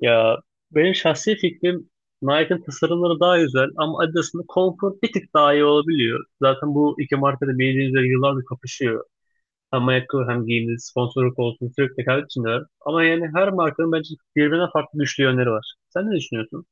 Ya benim şahsi fikrim Nike'ın tasarımları daha güzel ama Adidas'ın konfor bir tık daha iyi olabiliyor. Zaten bu iki marka da bildiğiniz üzere yıllardır kapışıyor. Hem ayakkabı hem giyimde sponsorluk olsun sürekli rekabet içindeler. Ama yani her markanın bence birbirinden farklı güçlü yönleri var. Sen ne düşünüyorsun?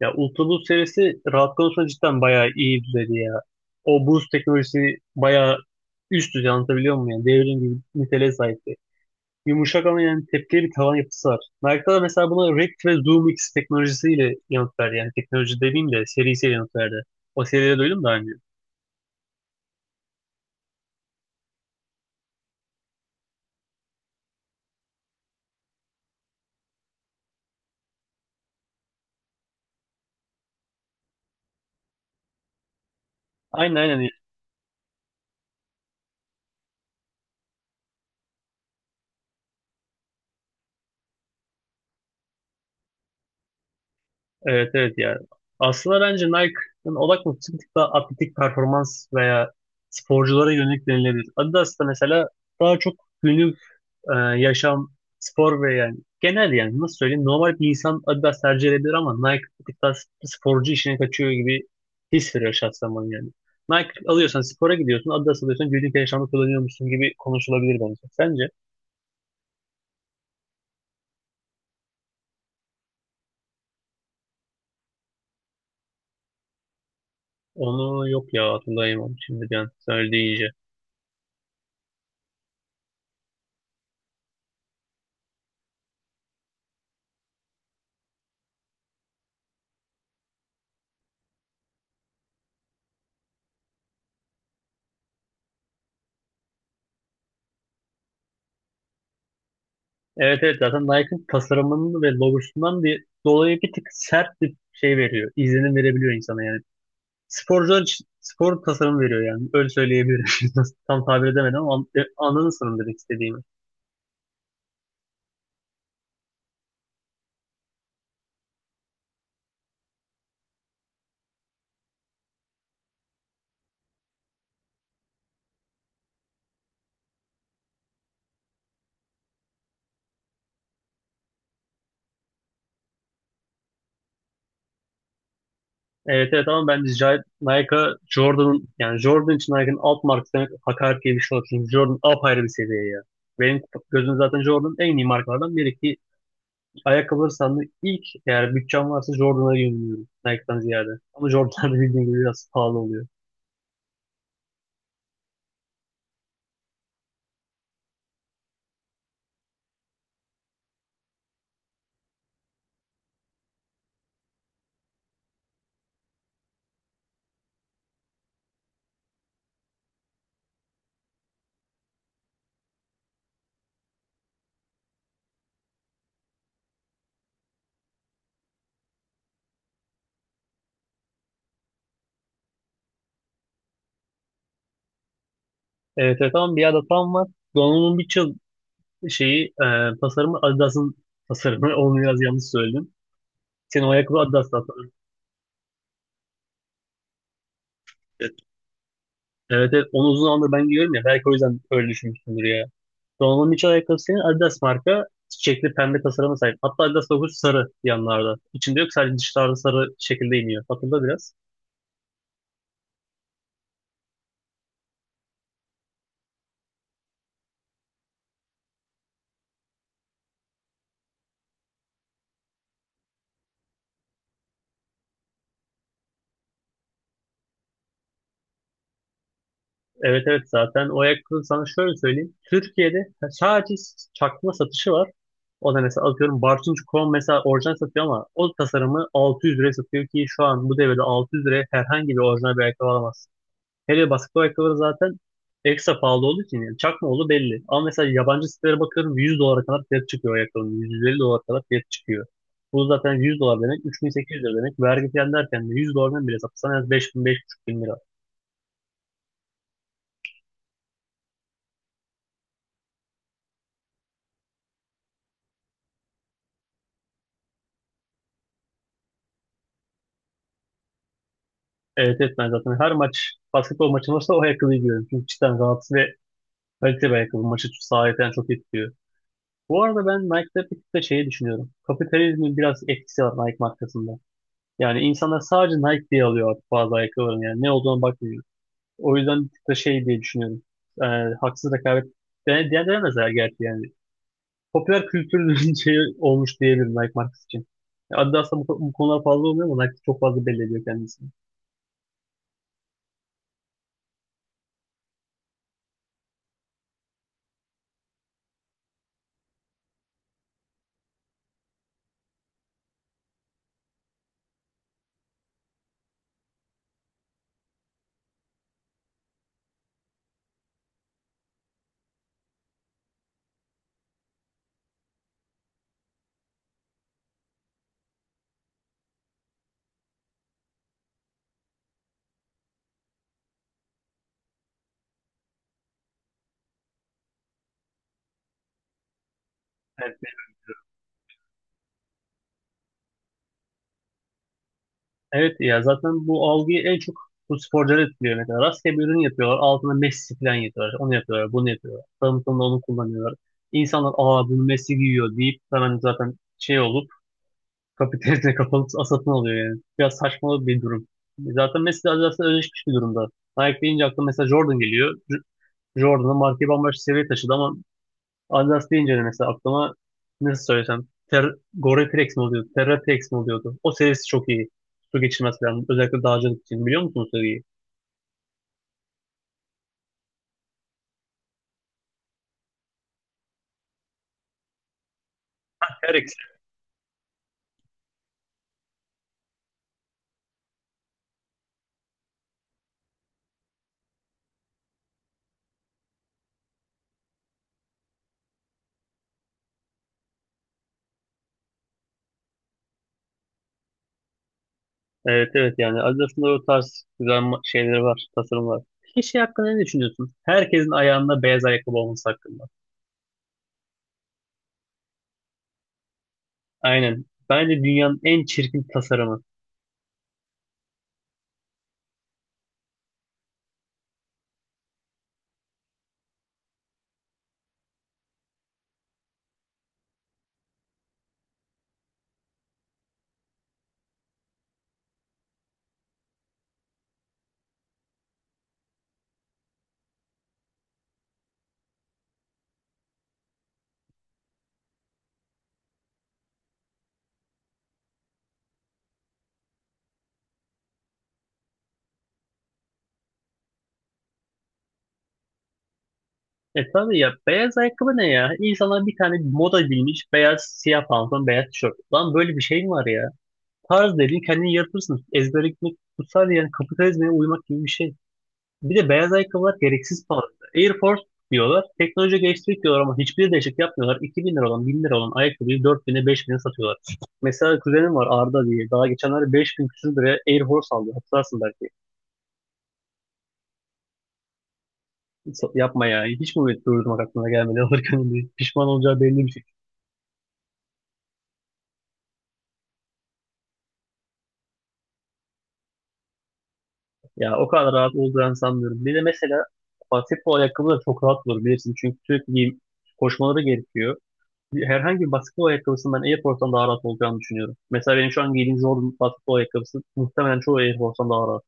Ya Ultra Boost serisi rahat konusunda cidden bayağı iyi düzeyde ya. O boost teknolojisi bayağı üst düzey anlatabiliyor muyum? Yani devrim gibi niteliğe sahip. Yumuşak ama yani tepkili bir tavan yapısı var. Nike'da da mesela buna React ve ZoomX teknolojisiyle yanıt verdi. Yani teknoloji demeyeyim de serisiyle yanıt verdi. O seriyi de duydum daha önce. Aynen aynen. Evet evet ya. Aslında bence Nike'ın odak noktası bir tık daha atletik performans veya sporculara yönelik denilebilir. Adidas da mesela daha çok günlük yaşam, spor ve yani genel yani nasıl söyleyeyim normal bir insan Adidas tercih edebilir ama Nike bir tarz sporcu işine kaçıyor gibi his veriyor şahsen bana yani. Nike alıyorsan spora gidiyorsun, Adidas alıyorsan günlük yaşamda kullanıyor musun gibi konuşulabilir bence. Sence? Onu yok ya hatırlayamam şimdi bir an söyledi iyice. Evet evet zaten Nike'ın tasarımının ve logosundan bir dolayı bir tık sert bir şey veriyor. İzlenim verebiliyor insana yani. Sporcular için spor tasarım veriyor yani. Öyle söyleyebilirim. Tam tabir edemedim ama anladın sanırım demek istediğimi. Evet evet ama bence Nike Jordan'ın yani Jordan için Nike'ın alt markası demek hakaret gibi bir şey olur. Çünkü Jordan apayrı bir seviye ya. Benim gözümde zaten Jordan en iyi markalardan biri ki ayakkabıları sandığı ilk eğer bütçem varsa Jordan'a yöneliyorum Nike'dan ziyade. Ama Jordan'da bildiğin gibi biraz pahalı oluyor. Evet evet ama bir adet tam var. Donald'un bir yıl tasarımı Adidas'ın tasarımı onu biraz yanlış söyledim. Senin o ayakkabı Adidas zaten. Evet. Evet evet onu uzun zamandır ben giyiyorum ya. Belki o yüzden öyle düşünmüşsündür ya. Donovan'ın iç ayakkabısı senin Adidas marka. Çiçekli pembe tasarıma sahip. Hatta Adidas logosu sarı yanlarda. İçinde yok sadece dışlarda sarı şekilde iniyor. Hatırla biraz. Evet evet zaten o ayakkabı sana şöyle söyleyeyim. Türkiye'de sadece çakma satışı var. O da mesela atıyorum Bartınç Krom mesela orijinal satıyor ama o tasarımı 600 liraya satıyor ki şu an bu devirde 600 liraya herhangi bir orijinal bir ayakkabı alamazsın. Hele basketbol ayakkabıları zaten ekstra pahalı olduğu için yani çakma oğlu belli. Ama mesela yabancı sitelere bakıyorum 100 dolara kadar fiyat çıkıyor ayakkabının. 150 dolara kadar fiyat çıkıyor. Bu zaten 100 dolar demek 3.800 lira demek. Vergi falan derken de 100 dolardan bile satsan en az 5.000 5.500 lira. Evet evet ben zaten her maç basketbol maçı olursa o ayakkabıyı giyiyorum. Çünkü cidden rahatsız ve kaliteli bir ayakkabı maçı sahiden çok etkiliyor. Bu arada ben Nike'da bir tık da şeyi düşünüyorum. Kapitalizmin biraz etkisi var Nike markasında. Yani insanlar sadece Nike diye alıyor artık bazı ayakkabıların yani ne olduğuna bakmıyor. O yüzden bir tık da şey diye düşünüyorum. Ee, Haksız rekabet de denemezler gerçi yani. Popüler kültürün şeyi olmuş diyebilirim Nike markası için. Adidas'ta bu konular fazla olmuyor ama Nike çok fazla belli ediyor kendisini. Evet, evet ya zaten bu algıyı en çok bu sporcular etkiliyor ne kadar. Rastgele bir ürün yapıyorlar. Altına Messi falan yapıyorlar. Onu yapıyorlar, bunu yapıyorlar. Tanıtımda onu kullanıyorlar. İnsanlar aa bunu Messi giyiyor deyip hemen zaten şey olur. Kapitalizme kapalı satın alıyor yani. Biraz saçma bir durum. Zaten Messi de zaten özleşmiş bir durumda. Nike deyince aklıma mesela Jordan geliyor. Jordan'ın markayı bambaşka seviyeye taşıdı ama Adidas deyince de mesela aklıma nasıl söylesem Gore-Tex mi oluyordu? Terra-Tex mi oluyordu? O serisi çok iyi. Su geçirmez falan. Özellikle dağcılık için. Biliyor musunuz o seriyi? Terex. Evet evet yani Adidas'ın da o tarz güzel şeyleri var, tasarımlar. Peki şey hakkında ne düşünüyorsun? Herkesin ayağında beyaz ayakkabı olması hakkında. Aynen. Bence dünyanın en çirkin tasarımı. E tabii ya beyaz ayakkabı ne ya? İnsanlar bir tane moda bilmiş beyaz siyah pantolon beyaz tişört. Lan böyle bir şey mi var ya? Tarz dediğin kendini yaratırsın. Ezbere gitmek kutsal yani kapitalizme uymak gibi bir şey. Bir de beyaz ayakkabılar gereksiz pahalı. Air Force diyorlar. Teknoloji geliştirdik diyorlar ama hiçbir değişik yapmıyorlar. 2.000 lira olan 1000 lira olan ayakkabıyı 4000'e bin'e satıyorlar. Mesela kuzenim var Arda diye. Daha geçenlerde 5000 küsür liraya Air Force aldı. Hatırlarsın belki. Yapma ya. Hiç mi turizm aklına gelmedi alırken bir pişman olacağı belli bir şey. Ya o kadar rahat olacağını sanmıyorum. Bir de mesela basketbol ayakkabı da çok rahat olur bilirsin. Çünkü sürekli giyim, koşmaları gerekiyor. Herhangi bir basketbol ayakkabısının ben Air Force'dan daha rahat olacağını düşünüyorum. Mesela benim şu an giydiğim Jordan basketbol ayakkabısı muhtemelen çoğu Air Force'dan daha rahat.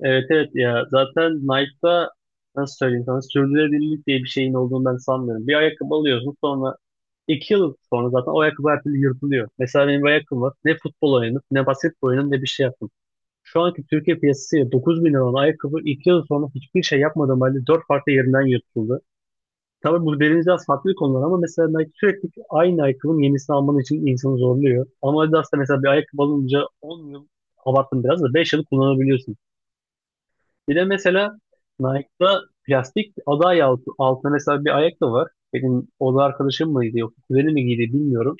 Evet evet ya zaten Nike'da nasıl söyleyeyim sana sürdürülebilirlik diye bir şeyin olduğunu ben sanmıyorum. Bir ayakkabı alıyorsun sonra iki yıl sonra zaten o ayakkabı her türlü yırtılıyor. Mesela benim bir ayakkabım var ne futbol oynadım ne basketbol oynadım ne bir şey yaptım. Şu anki Türkiye piyasasıyla 9 bin lira olan ayakkabı iki yıl sonra hiçbir şey yapmadığım halde dört farklı yerinden yırtıldı. Tabii bu benim biraz farklı konular ama mesela Nike sürekli aynı ayakkabının yenisini alman için insanı zorluyor. Ama Adidas da mesela bir ayakkabı alınca 10 yıl abarttım biraz da 5 yıl kullanabiliyorsun. Bir de mesela Nike'da plastik ada ayağı altına mesela bir ayak da var. Benim oda arkadaşım mıydı yok kuzeni mi giydi bilmiyorum.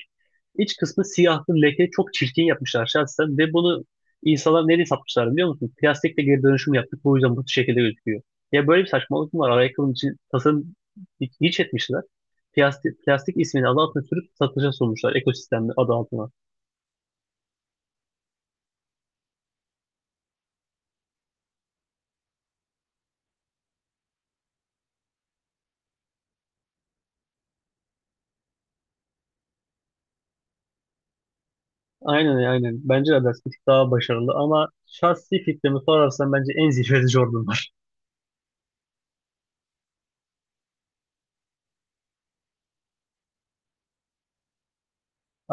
İç kısmı siyahtı leke çok çirkin yapmışlar şahsen ve bunu insanlar nereye satmışlar biliyor musun? Plastikle geri dönüşüm yaptık bu yüzden bu şekilde gözüküyor. Ya böyle bir saçmalık mı var? Ayakkabının için tasarım hiç hiç etmişler. Plastik ismini adı altına sürüp satışa sunmuşlar ekosistemde adı altına. Aynen aynen. Bence de Adidas bir tık daha başarılı ama şahsi fikrimi sorarsan bence en zirvede Jordan var.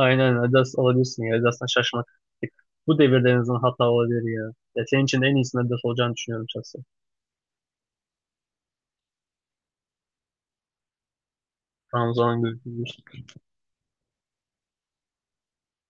Aynen Adidas olabilirsin ya. Adidas'tan şaşmak. Bu devirde en azından hata olabilir ya. Ya senin için de en iyisinin Adidas olacağını düşünüyorum şahsen. Ramazan'ın gözü.